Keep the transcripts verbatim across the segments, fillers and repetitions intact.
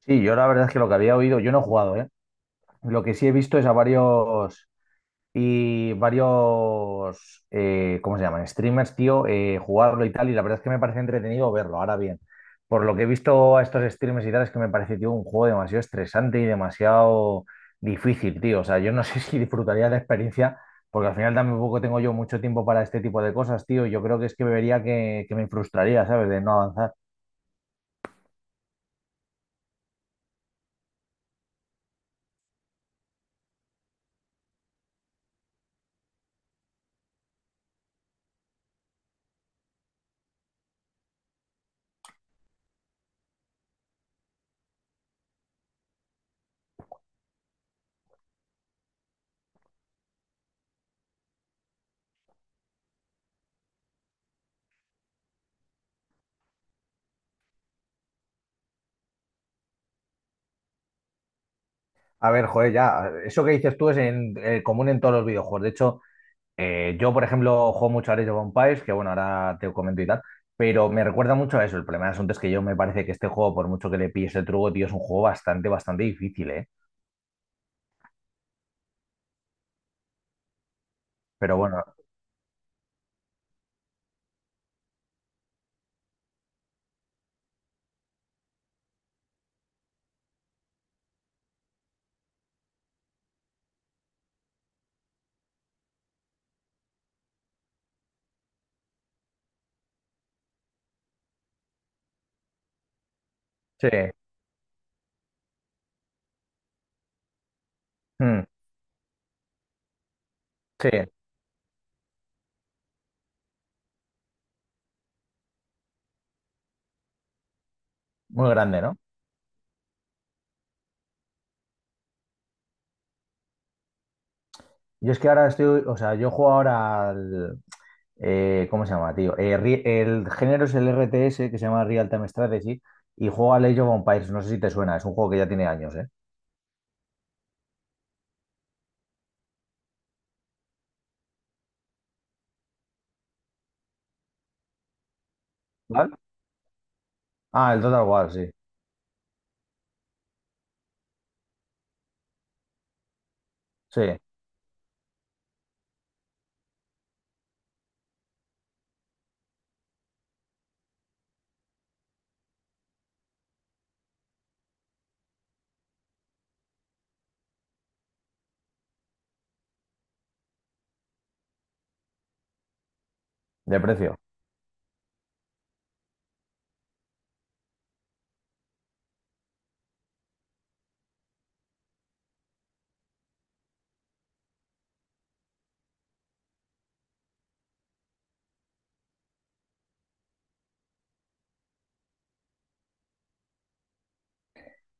Sí, yo la verdad es que lo que había oído, yo no he jugado, ¿eh? Lo que sí he visto es a varios y varios, eh, ¿cómo se llaman? Streamers, tío, eh, jugarlo y tal, y la verdad es que me parece entretenido verlo. Ahora bien, por lo que he visto a estos streamers y tal, es que me parece, tío, un juego demasiado estresante y demasiado difícil, tío. O sea, yo no sé si disfrutaría la experiencia, porque al final tampoco tengo yo mucho tiempo para este tipo de cosas, tío. Yo creo que es que vería que, que me frustraría, ¿sabes? De no avanzar. A ver, joder, ya, eso que dices tú es en, eh, común en todos los videojuegos. De hecho, eh, yo, por ejemplo, juego mucho a Age of Empires, que bueno, ahora te comento y tal, pero me recuerda mucho a eso. El problema del asunto es que yo me parece que este juego, por mucho que le pilles el truco, tío, es un juego bastante, bastante difícil, ¿eh? Pero bueno, sí, mm, sí, muy grande, ¿no? Yo es que ahora estoy, o sea, yo juego ahora al, eh, ¿cómo se llama, tío? Eh, ri- el género es el R T S, que se llama Real Time Strategy, y juego al Age of Empires, no sé si te suena, es un juego que ya tiene años, ¿eh? ¿Vale? Ah, el Total War, sí. Sí, de precio.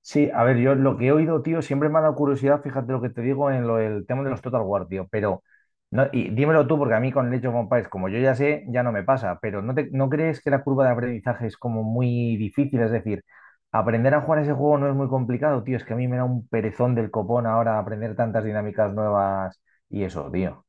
Sí, a ver, yo lo que he oído, tío, siempre me ha dado curiosidad, fíjate lo que te digo en lo, el tema de los Total War, tío, pero no, y dímelo tú, porque a mí con el Age of Empires, como yo ya sé, ya no me pasa, pero ¿no, te- no crees que la curva de aprendizaje es como muy difícil? Es decir, aprender a jugar ese juego no es muy complicado, tío, es que a mí me da un perezón del copón ahora aprender tantas dinámicas nuevas y eso, tío.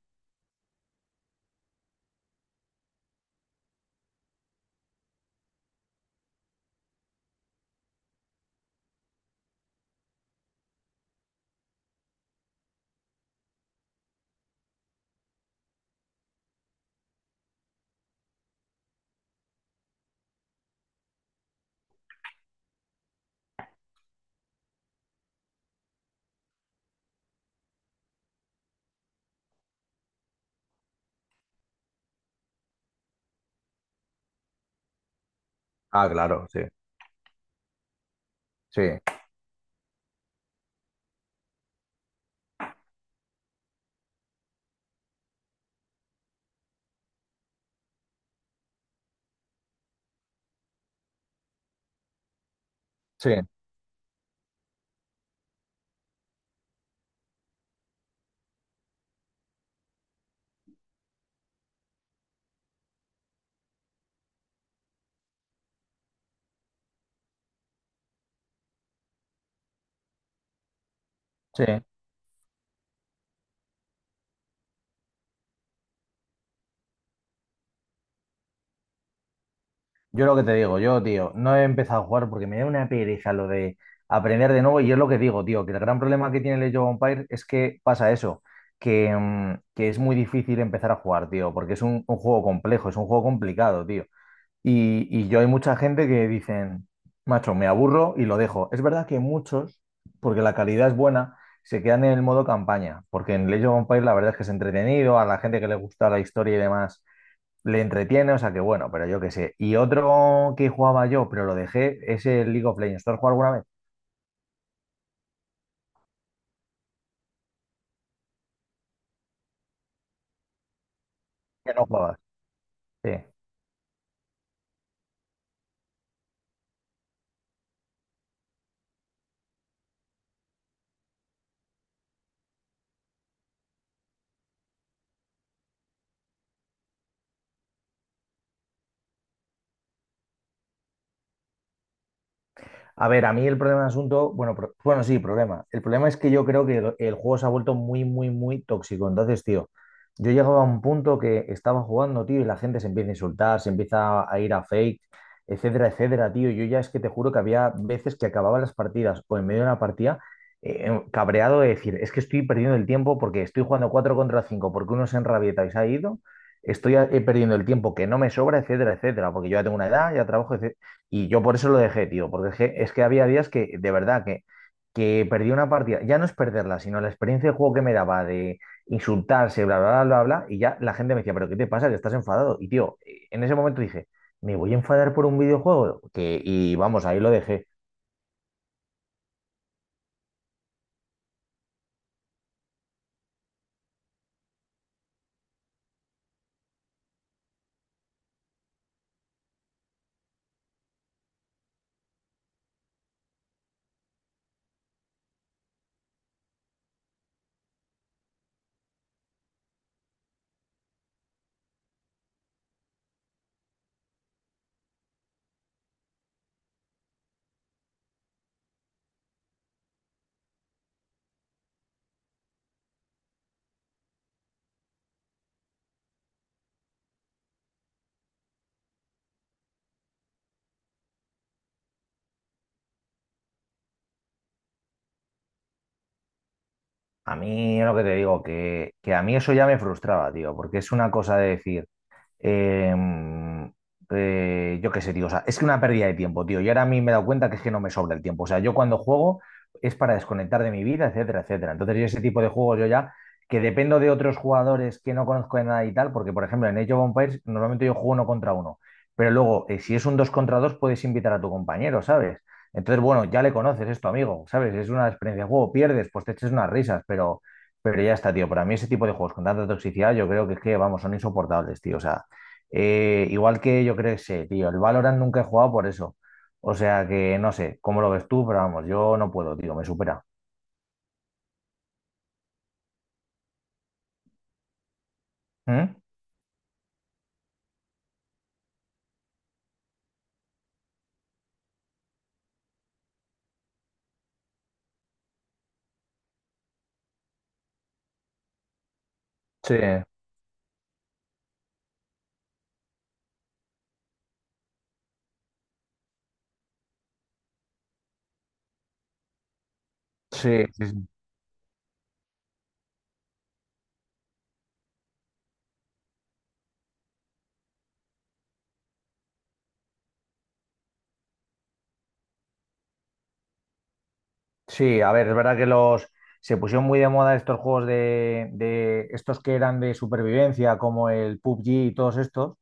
Ah, claro, sí. Sí, sí, sí. Yo lo que te digo, yo, tío, no he empezado a jugar porque me da una pereza lo de aprender de nuevo. Y es lo que digo, tío, que el gran problema que tiene el Age of Empires es que pasa eso, que, mm, que es muy difícil empezar a jugar, tío, porque es un, un juego complejo, es un juego complicado, tío. Y, y yo hay mucha gente que dicen, macho, me aburro y lo dejo. Es verdad que muchos, porque la calidad es buena, se quedan en el modo campaña, porque en el Age of Empires la verdad es que es entretenido, a la gente que le gusta la historia y demás le entretiene, o sea que bueno, pero yo qué sé. Y otro que jugaba yo, pero lo dejé, es el League of Legends. ¿Tú has jugado alguna vez? Que no jugabas. Sí. A ver, a mí el problema del asunto, bueno, pro- bueno, sí, problema. El problema es que yo creo que el, el juego se ha vuelto muy, muy, muy tóxico. Entonces, tío, yo llegaba a un punto que estaba jugando, tío, y la gente se empieza a insultar, se empieza a ir a fake, etcétera, etcétera, tío. Yo ya es que te juro que había veces que acababa las partidas o en medio de una partida eh, eh, cabreado de decir, es que estoy perdiendo el tiempo porque estoy jugando cuatro contra cinco porque uno se enrabieta y se ha ido. Estoy eh, perdiendo el tiempo que no me sobra, etcétera, etcétera, porque yo ya tengo una edad, ya trabajo, etcétera. Y yo por eso lo dejé, tío, porque es que, es que había días que, de verdad, que, que perdí una partida. Ya no es perderla, sino la experiencia de juego que me daba de insultarse, bla, bla, bla, bla, bla. Y ya la gente me decía, pero ¿qué te pasa? Que estás enfadado. Y, tío, en ese momento dije, ¿me voy a enfadar por un videojuego? Que, y vamos, ahí lo dejé. A mí, lo que te digo, que, que a mí eso ya me frustraba, tío, porque es una cosa de decir Eh, eh, yo qué sé, tío. O sea, es que una pérdida de tiempo, tío. Y ahora a mí me he dado cuenta que es que no me sobra el tiempo. O sea, yo cuando juego es para desconectar de mi vida, etcétera, etcétera. Entonces, yo ese tipo de juegos yo ya, que dependo de otros jugadores que no conozco de nada y tal, porque, por ejemplo, en Age of Empires normalmente yo juego uno contra uno. Pero luego, eh, si es un dos contra dos, puedes invitar a tu compañero, ¿sabes? Entonces, bueno, ya le conoces, es tu amigo, ¿sabes? Es una experiencia de juego. Pierdes, pues te eches unas risas, pero, pero ya está, tío. Para mí ese tipo de juegos con tanta toxicidad, yo creo que es que, vamos, son insoportables, tío. O sea, eh, igual que yo creo que sé, tío, el Valorant nunca he jugado por eso. O sea que no sé cómo lo ves tú, pero vamos, yo no puedo, tío, me supera. ¿Mm? Sí, sí, sí. Sí, a ver, es verdad que los se pusieron muy de moda estos juegos de, de estos que eran de supervivencia, como el P U B G y todos estos,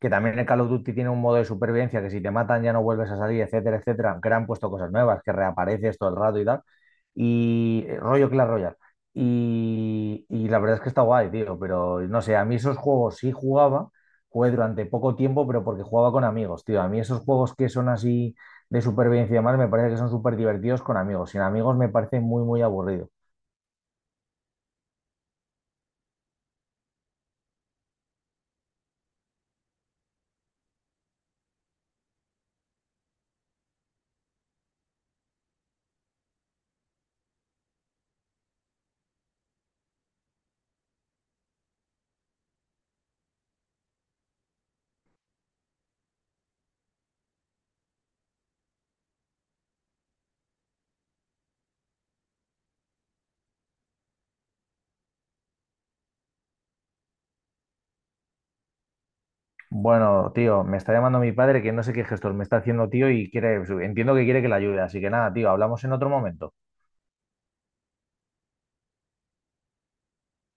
que también el Call of Duty tiene un modo de supervivencia que si te matan ya no vuelves a salir, etcétera, etcétera, que le han puesto cosas nuevas, que reapareces todo el rato y tal. Y eh, rollo Clash Royale. Y, y la verdad es que está guay, tío, pero no sé, a mí esos juegos sí jugaba, jugué durante poco tiempo, pero porque jugaba con amigos, tío. A mí esos juegos que son así de supervivencia y demás, me parece que son súper divertidos con amigos. Sin amigos me parece muy, muy aburrido. Bueno, tío, me está llamando mi padre que no sé qué gestor me está haciendo, tío, y quiere, entiendo que quiere que le ayude. Así que nada, tío, hablamos en otro momento.